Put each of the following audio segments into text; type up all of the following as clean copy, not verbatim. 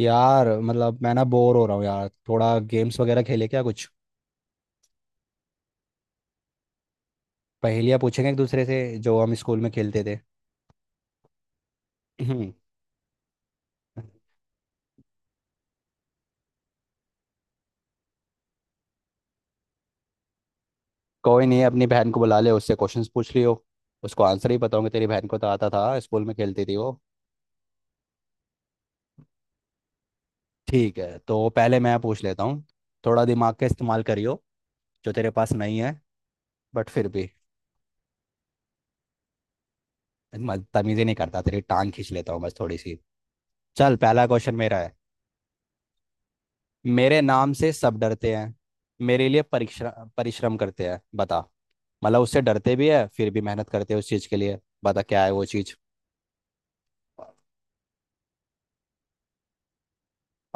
यार, मतलब मैं ना बोर हो रहा हूँ यार। थोड़ा गेम्स वगैरह खेले क्या? कुछ पहेलियाँ पूछेंगे एक दूसरे से, जो हम स्कूल में खेलते थे। हम्म। कोई नहीं, अपनी बहन को बुला ले, उससे क्वेश्चंस पूछ लियो। उसको आंसर ही बताऊंगी, तेरी बहन को तो आता था, स्कूल में खेलती थी वो। ठीक है, तो पहले मैं पूछ लेता हूँ। थोड़ा दिमाग का इस्तेमाल करियो, जो तेरे पास नहीं है। बट फिर भी। मैं तमीज़ी नहीं करता, तेरी टांग खींच लेता हूँ बस थोड़ी सी। चल, पहला क्वेश्चन मेरा है। मेरे नाम से सब डरते हैं, मेरे लिए परिश्रम परिश्रम करते हैं, बता। मतलब उससे डरते भी है फिर भी मेहनत करते हैं उस चीज़ के लिए। पता क्या है वो चीज़?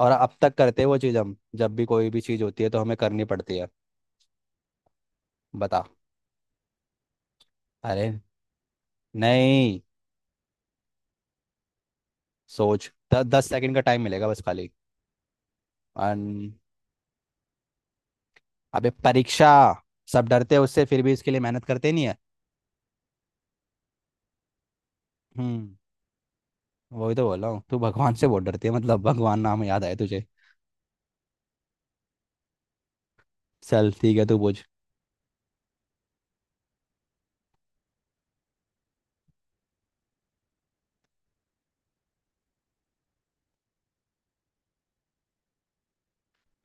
और अब तक करते हैं वो चीज़, हम जब भी कोई भी चीज़ होती है तो हमें करनी पड़ती है। बता। अरे, नहीं। सोच 10 सेकंड का टाइम मिलेगा बस खाली। अन, अबे, परीक्षा। सब डरते हैं उससे, फिर भी इसके लिए मेहनत करते नहीं है। हम्म। वही तो बोल रहा हूँ, तू भगवान से बहुत डरती है, मतलब भगवान नाम याद आया तुझे। चल ठीक है, तू पूछ।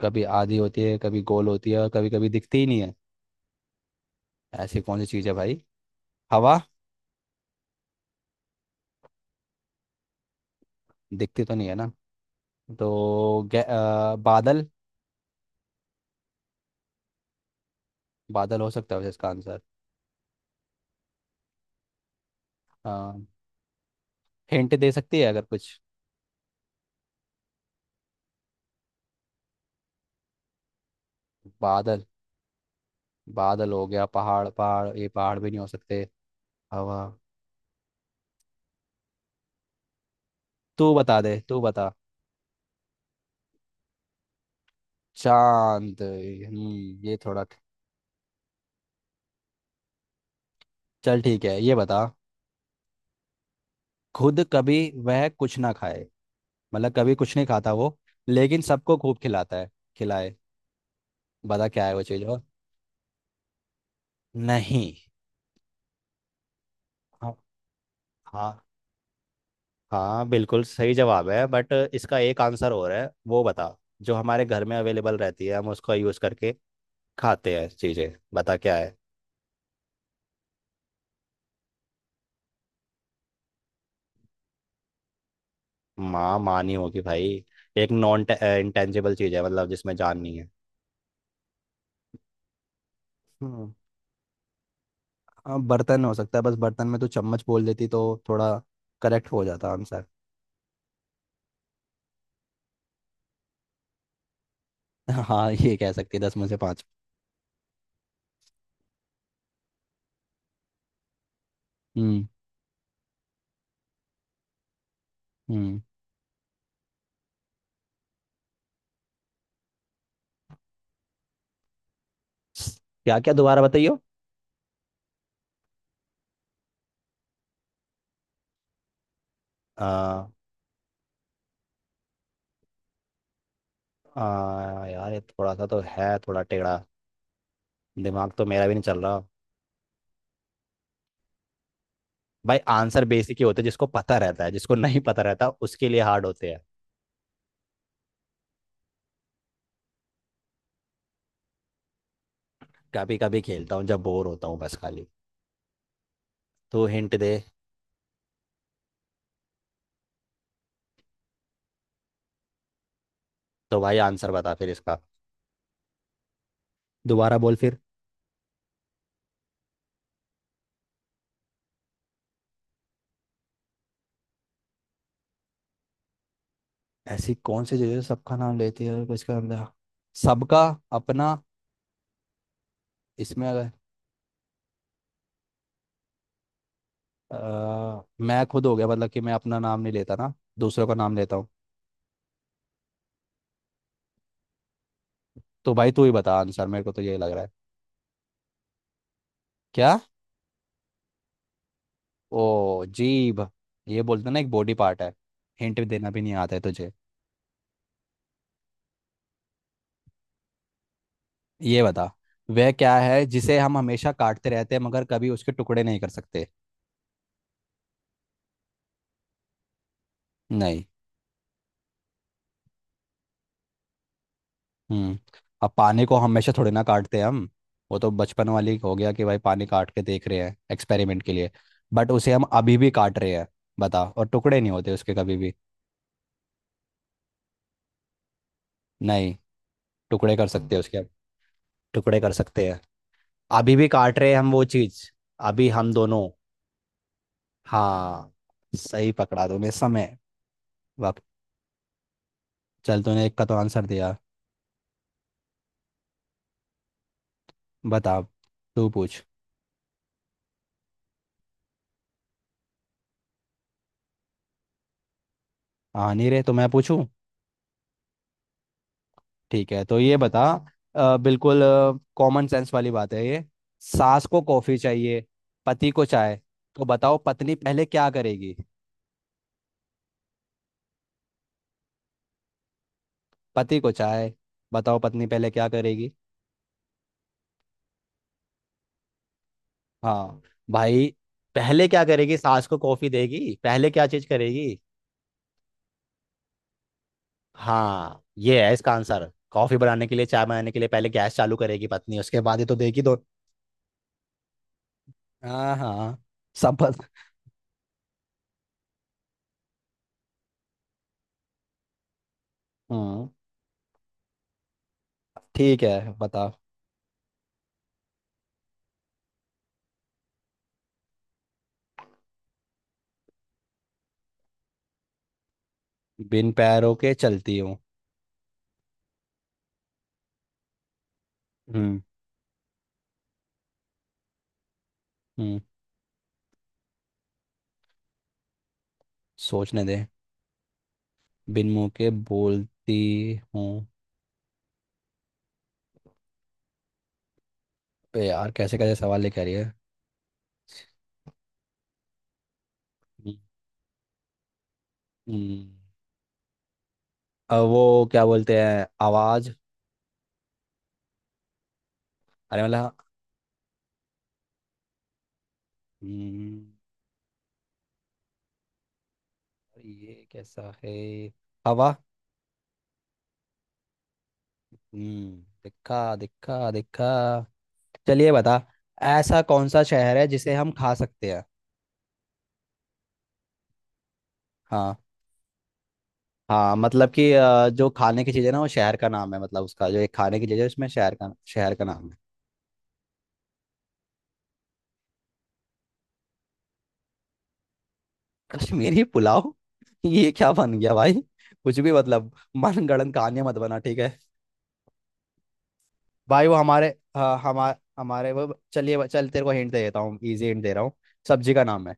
कभी आधी होती है, कभी गोल होती है, और कभी कभी दिखती ही नहीं है। ऐसी कौन सी चीज़ है भाई? हवा। दिखती तो नहीं है ना। तो बादल। बादल हो सकता है वैसे इसका आंसर। हिंट दे सकती है अगर कुछ। बादल। बादल हो गया, पहाड़ पहाड़ ये पहाड़ भी नहीं हो सकते। हवा। तू बता दे, तू बता। चांद। हम्म, ये थोड़ा। चल ठीक है, ये बता। खुद कभी वह कुछ ना खाए, मतलब कभी कुछ नहीं खाता वो, लेकिन सबको खूब खिलाता है, खिलाए। बता क्या है वो चीज़ और। नहीं। हाँ। हाँ। हाँ, बिल्कुल सही जवाब है, बट इसका एक आंसर और है, वो बता। जो हमारे घर में अवेलेबल रहती है, हम उसका यूज करके खाते हैं चीजें, बता क्या है। माँ, माँ नहीं होगी भाई। एक नॉन इंटेंजिबल चीज है, मतलब जिसमें जान नहीं है। हम्म। हाँ, बर्तन हो सकता है, बस बर्तन में तो चम्मच बोल देती तो थोड़ा करेक्ट हो जाता आंसर। हाँ, ये कह सकती है, 10 में से 5। हम्म। हम्म। क्या क्या दोबारा बताइयो। आ, आ, यार ये थोड़ा सा तो है, थोड़ा टेढ़ा। दिमाग तो मेरा भी नहीं चल रहा। भाई, आंसर बेसिक ही होते हैं, जिसको पता रहता है, जिसको नहीं पता रहता उसके लिए हार्ड होते हैं। कभी कभी खेलता हूँ जब बोर होता हूँ बस खाली। तो हिंट दे। तो भाई, आंसर बता फिर इसका। दोबारा बोल फिर। ऐसी कौन सी चीज़ है जो सबका नाम लेती है, और किसका नाम लेती है? सबका। अपना। इसमें अगर। मैं खुद हो गया, मतलब कि मैं अपना नाम नहीं लेता ना, दूसरों का नाम लेता हूँ। तो भाई, तू ही बता आंसर, मेरे को तो यही लग रहा है। क्या? ओ, जीभ। ये बोलते ना, एक बॉडी पार्ट है। हिंट देना भी नहीं आता है तुझे। ये बता, वह क्या है जिसे हम हमेशा काटते रहते हैं मगर कभी उसके टुकड़े नहीं कर सकते। नहीं। हम्म। अब पानी को हमेशा थोड़ी ना काटते हैं हम, वो तो बचपन वाली हो गया कि भाई पानी काट के देख रहे हैं एक्सपेरिमेंट के लिए। बट उसे हम अभी भी काट रहे हैं, बता। और टुकड़े नहीं होते उसके कभी भी। नहीं। टुकड़े कर सकते हैं उसके हम। टुकड़े कर सकते हैं। अभी भी काट रहे हैं हम वो चीज, अभी हम दोनों। हाँ, सही पकड़ा तूने, समय, वक्त। चल तूने एक का तो आंसर दिया। बता अब। तू पूछ। आ नहीं रहे तो मैं पूछूं? ठीक है, तो ये बता। बिल्कुल कॉमन सेंस वाली बात है ये। सास को कॉफी चाहिए, पति को चाय, तो बताओ पत्नी पहले क्या करेगी? पति को चाय, बताओ पत्नी पहले क्या करेगी? हाँ भाई, पहले क्या करेगी, सास को कॉफी देगी, पहले क्या चीज करेगी? हाँ, ये है इसका आंसर, कॉफी बनाने के लिए, चाय बनाने के लिए, पहले गैस चालू करेगी पत्नी, उसके बाद ही तो देगी दो। हाँ हाँ। सब बस-। हम्म। ठीक है, बता। बिन पैरों के चलती हूँ। हम्म। हम्म। सोचने दे। बिन मुंह के बोलती हूँ। बे यार, कैसे कैसे सवाल लेके आ रही है। हम्म। हम्म। वो क्या बोलते हैं, आवाज। अरे, मतलब। हम्म, ये कैसा है? हवा। हम्म, दिखा दिखा दिखा। चलिए बता। ऐसा कौन सा शहर है जिसे हम खा सकते हैं? हाँ। हाँ, मतलब कि जो खाने की चीज़ है ना वो शहर का नाम है, मतलब उसका जो एक खाने की चीज़ है उसमें शहर का नाम है। कश्मीरी पुलाव? ये क्या बन गया भाई, कुछ भी मतलब। मनगढ़ंत कहानियां मत बना, ठीक है। भाई वो हमारे, हाँ, हमारे वो। चलिए, चल तेरे को हिंट दे देता हूँ, इजी हिंट दे रहा हूँ। सब्जी का नाम है।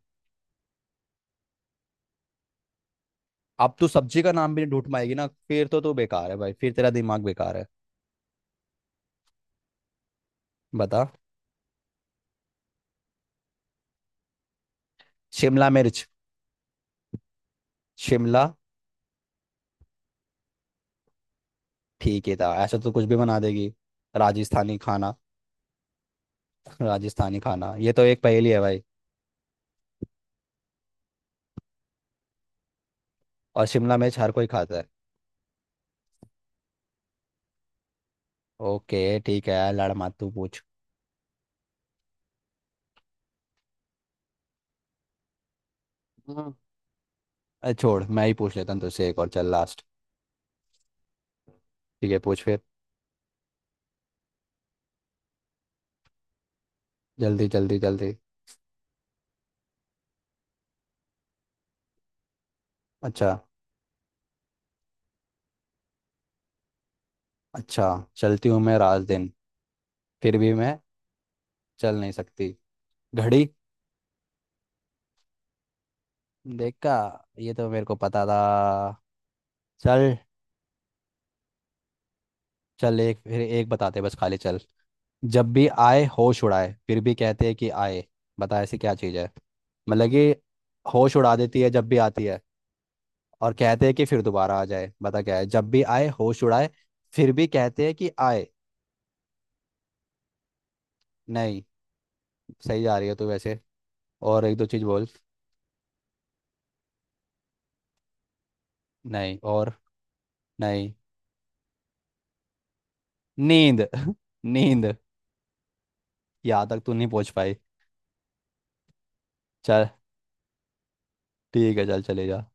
अब तू सब्जी का नाम भी नहीं ढूंढ पाएगी ना, फिर तो तू बेकार है भाई, फिर तेरा दिमाग बेकार है। बता। शिमला मिर्च। शिमला। ठीक है था, ऐसा तो कुछ भी बना देगी। राजस्थानी खाना। राजस्थानी खाना, ये तो एक पहेली है भाई। और शिमला मिर्च हर कोई खाता है। ओके ठीक है, लड़ मत, तू पूछ। अरे छोड़, मैं ही पूछ लेता हूँ तुझसे एक और, चल लास्ट। ठीक है, पूछ फिर। जल्दी जल्दी जल्दी। अच्छा। अच्छा। चलती हूँ मैं रात दिन, फिर भी मैं चल नहीं सकती। घड़ी। देखा, ये तो मेरे को पता था। चल। चल एक फिर, एक बताते बस खाली, चल। जब भी आए होश उड़ाए, फिर भी कहते हैं कि आए। बता ऐसी क्या चीज़ है, मतलब कि होश उड़ा देती है जब भी आती है, और कहते हैं कि फिर दोबारा आ जाए, बता क्या है। जब भी आए होश उड़ाए, फिर भी कहते हैं कि आए। नहीं। सही जा रही है तू वैसे। और एक दो चीज बोल। नहीं और। नहीं। नींद। नींद। यहाँ तक तू नहीं पहुंच पाई। चल ठीक है, चल चले जा।